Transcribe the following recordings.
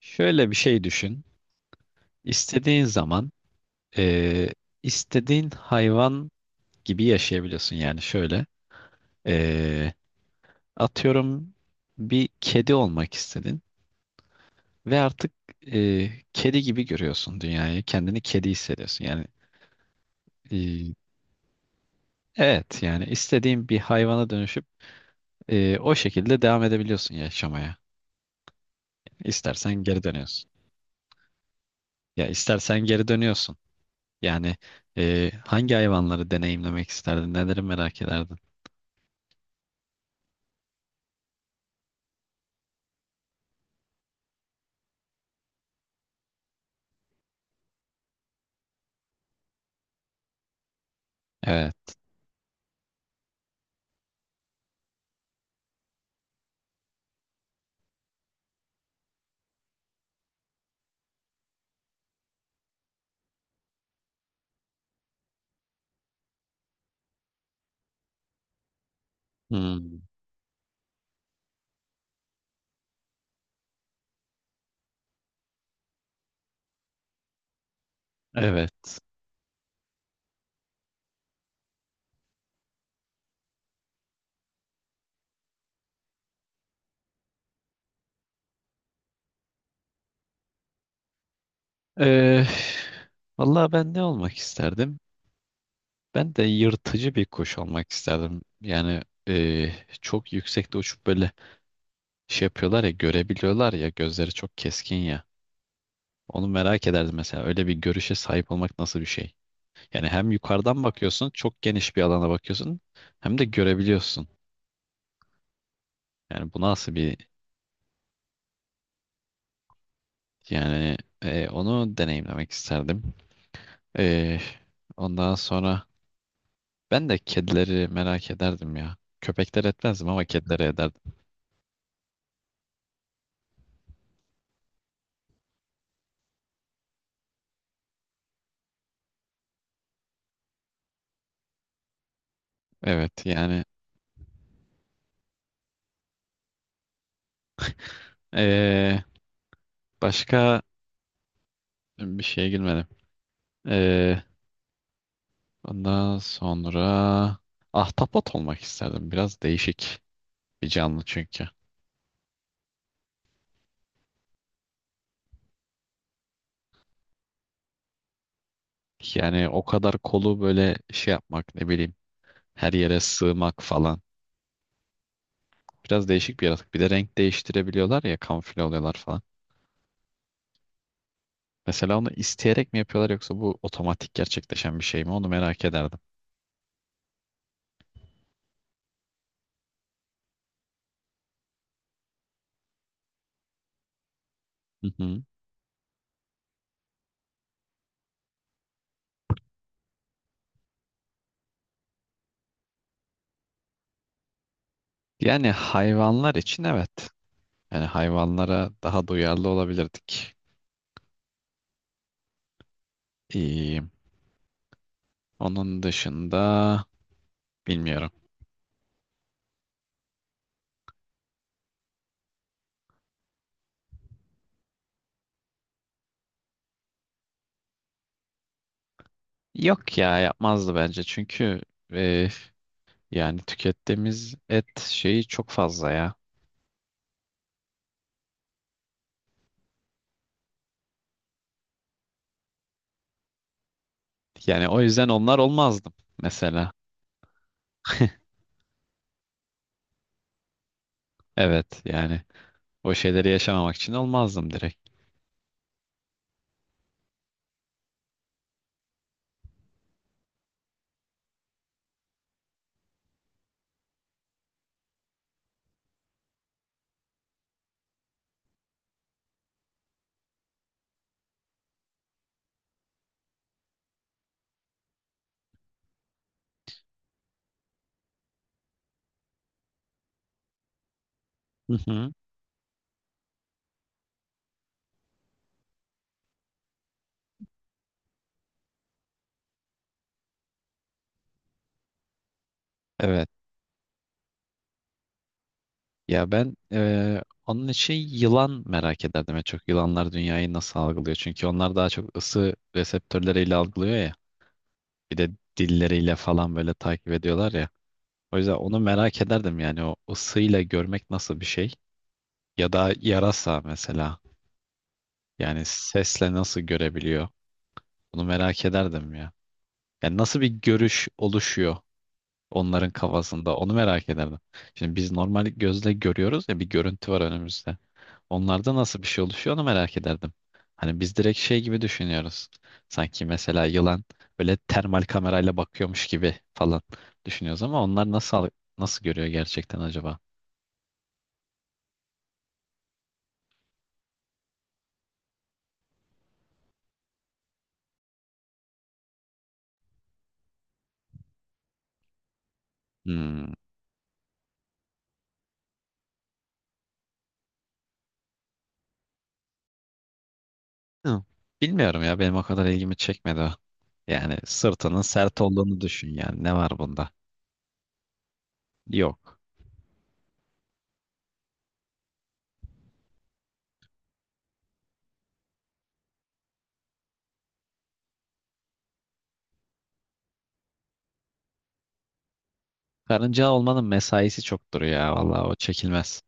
Şöyle bir şey düşün. İstediğin zaman eee, istediğin hayvan gibi yaşayabiliyorsun. Yani şöyle eee, atıyorum bir kedi olmak istedin ve artık kedi gibi görüyorsun dünyayı. Kendini kedi hissediyorsun. Eee, evet yani istediğin bir hayvana dönüşüp o şekilde devam edebiliyorsun yaşamaya. İstersen geri dönüyorsun. Ya istersen geri dönüyorsun. Yani hangi hayvanları deneyimlemek isterdin? Neleri merak ederdin? Evet. Hmm, evet. Ee, vallahi ben ne olmak isterdim? Ben de yırtıcı bir kuş olmak isterdim. Ee, çok yüksekte uçup böyle şey yapıyorlar ya görebiliyorlar ya gözleri çok keskin ya. Onu merak ederdim mesela. Öyle bir görüşe sahip olmak nasıl bir şey? Yani hem yukarıdan bakıyorsun, çok geniş bir alana bakıyorsun, hem de görebiliyorsun. Yani bu nasıl bir yani onu deneyimlemek isterdim. Ee, ondan sonra. Ben de kedileri merak ederdim ya. Köpekler etmezdim ama kedileri ederdim. Evet yani eee, başka bir şeye girmedim. Eee, ondan sonra ahtapot olmak isterdim. Biraz değişik bir canlı çünkü. Yani o kadar kolu böyle şey yapmak ne bileyim her yere sığmak falan. Biraz değişik bir yaratık. Bir de renk değiştirebiliyorlar ya kamufle oluyorlar falan. Mesela onu isteyerek mi yapıyorlar yoksa bu otomatik gerçekleşen bir şey mi onu merak ederdim. Hı hı. Yani hayvanlar için evet. Yani hayvanlara daha duyarlı olabilirdik. İyi. Onun dışında bilmiyorum. Yok ya yapmazdı bence çünkü e, yani tükettiğimiz et şeyi çok fazla ya. Yani o yüzden onlar olmazdım mesela. Evet yani o şeyleri yaşamamak için olmazdım direkt. Hı hı. Evet. Ya ben onun için yılan merak ederdim. En çok yılanlar dünyayı nasıl algılıyor? Çünkü onlar daha çok ısı reseptörleriyle algılıyor ya. Bir de dilleriyle falan böyle takip ediyorlar ya. O yüzden onu merak ederdim yani o ısıyla görmek nasıl bir şey? Ya da yarasa mesela. Yani sesle nasıl görebiliyor? Bunu merak ederdim ya. Yani nasıl bir görüş oluşuyor? Onların kafasında. Onu merak ederdim. Şimdi biz normal gözle görüyoruz ya bir görüntü var önümüzde. Onlarda nasıl bir şey oluşuyor onu merak ederdim. Hani biz direkt şey gibi düşünüyoruz. Sanki mesela yılan böyle termal kamerayla bakıyormuş gibi falan düşünüyoruz ama onlar nasıl görüyor gerçekten acaba? Hmm. Hı. Bilmiyorum ya benim o kadar ilgimi çekmedi o. Yani sırtının sert olduğunu düşün yani ne var bunda? Yok. Karınca olmanın mesaisi çoktur ya vallahi o çekilmez.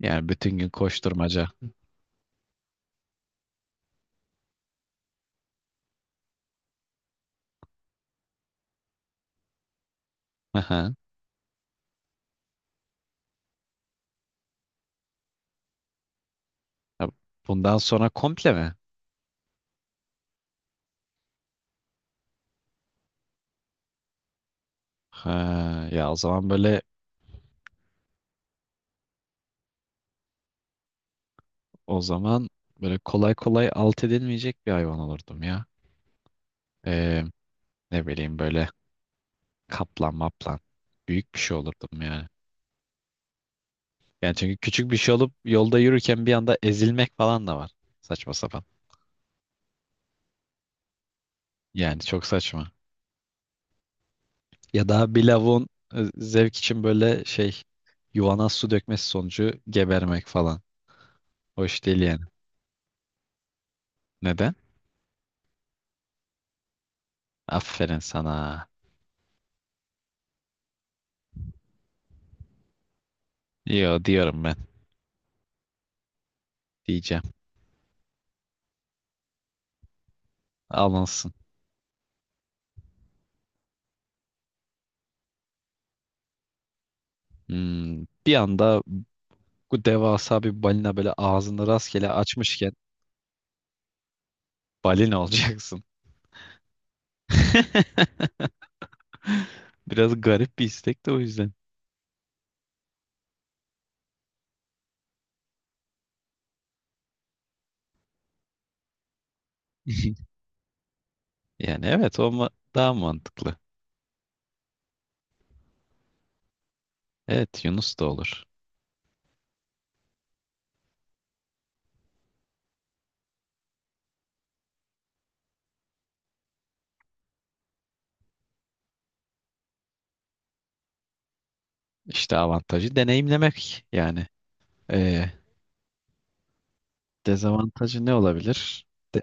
Yani bütün gün koşturmaca. Aha. Ya, bundan sonra komple mi? Ha, ya o zaman böyle o zaman kolay kolay alt edilmeyecek bir hayvan olurdum ya. Ee, ne bileyim böyle kaplan maplan. Büyük bir şey olurdum yani. Yani çünkü küçük bir şey olup yolda yürürken bir anda ezilmek falan da var. Saçma sapan. Yani çok saçma. Ya da bir lavuğun zevk için böyle şey yuvana su dökmesi sonucu gebermek falan. Hoş değil yani. Neden? Aferin sana. Yo diyorum ben. Diyeceğim. Alınsın. Hmm, bir anda bu devasa bir balina böyle ağzını rastgele açmışken balina olacaksın. Biraz garip bir istek de o yüzden. Yani evet o ma- daha mantıklı. Evet Yunus da olur. İşte avantajı deneyimlemek yani. Ee, dezavantajı ne olabilir? De-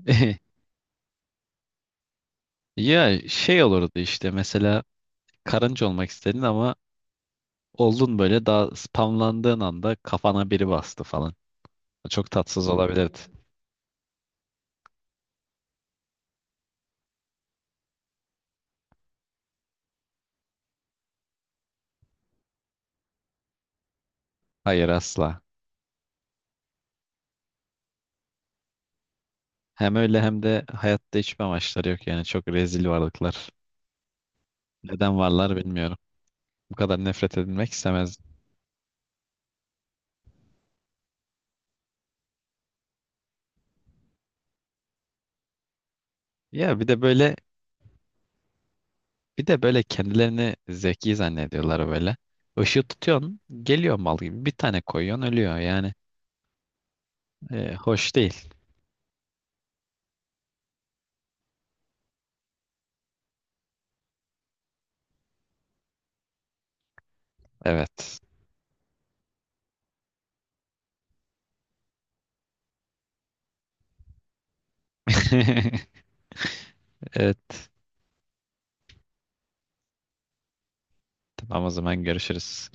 ya şey olurdu işte mesela karınca olmak istedin ama oldun böyle daha spamlandığın anda kafana biri bastı falan. Çok tatsız olabilirdi. Hmm. Hayır asla. Hem öyle hem de hayatta hiçbir amaçları yok yani çok rezil varlıklar. Neden varlar bilmiyorum. Bu kadar nefret edilmek istemezdim. Ya bir de böyle kendilerini zeki zannediyorlar böyle. Işığı tutuyorsun geliyor mal gibi bir tane koyuyorsun ölüyor yani. Hoş değil. Evet. Evet. Tamam o zaman görüşürüz.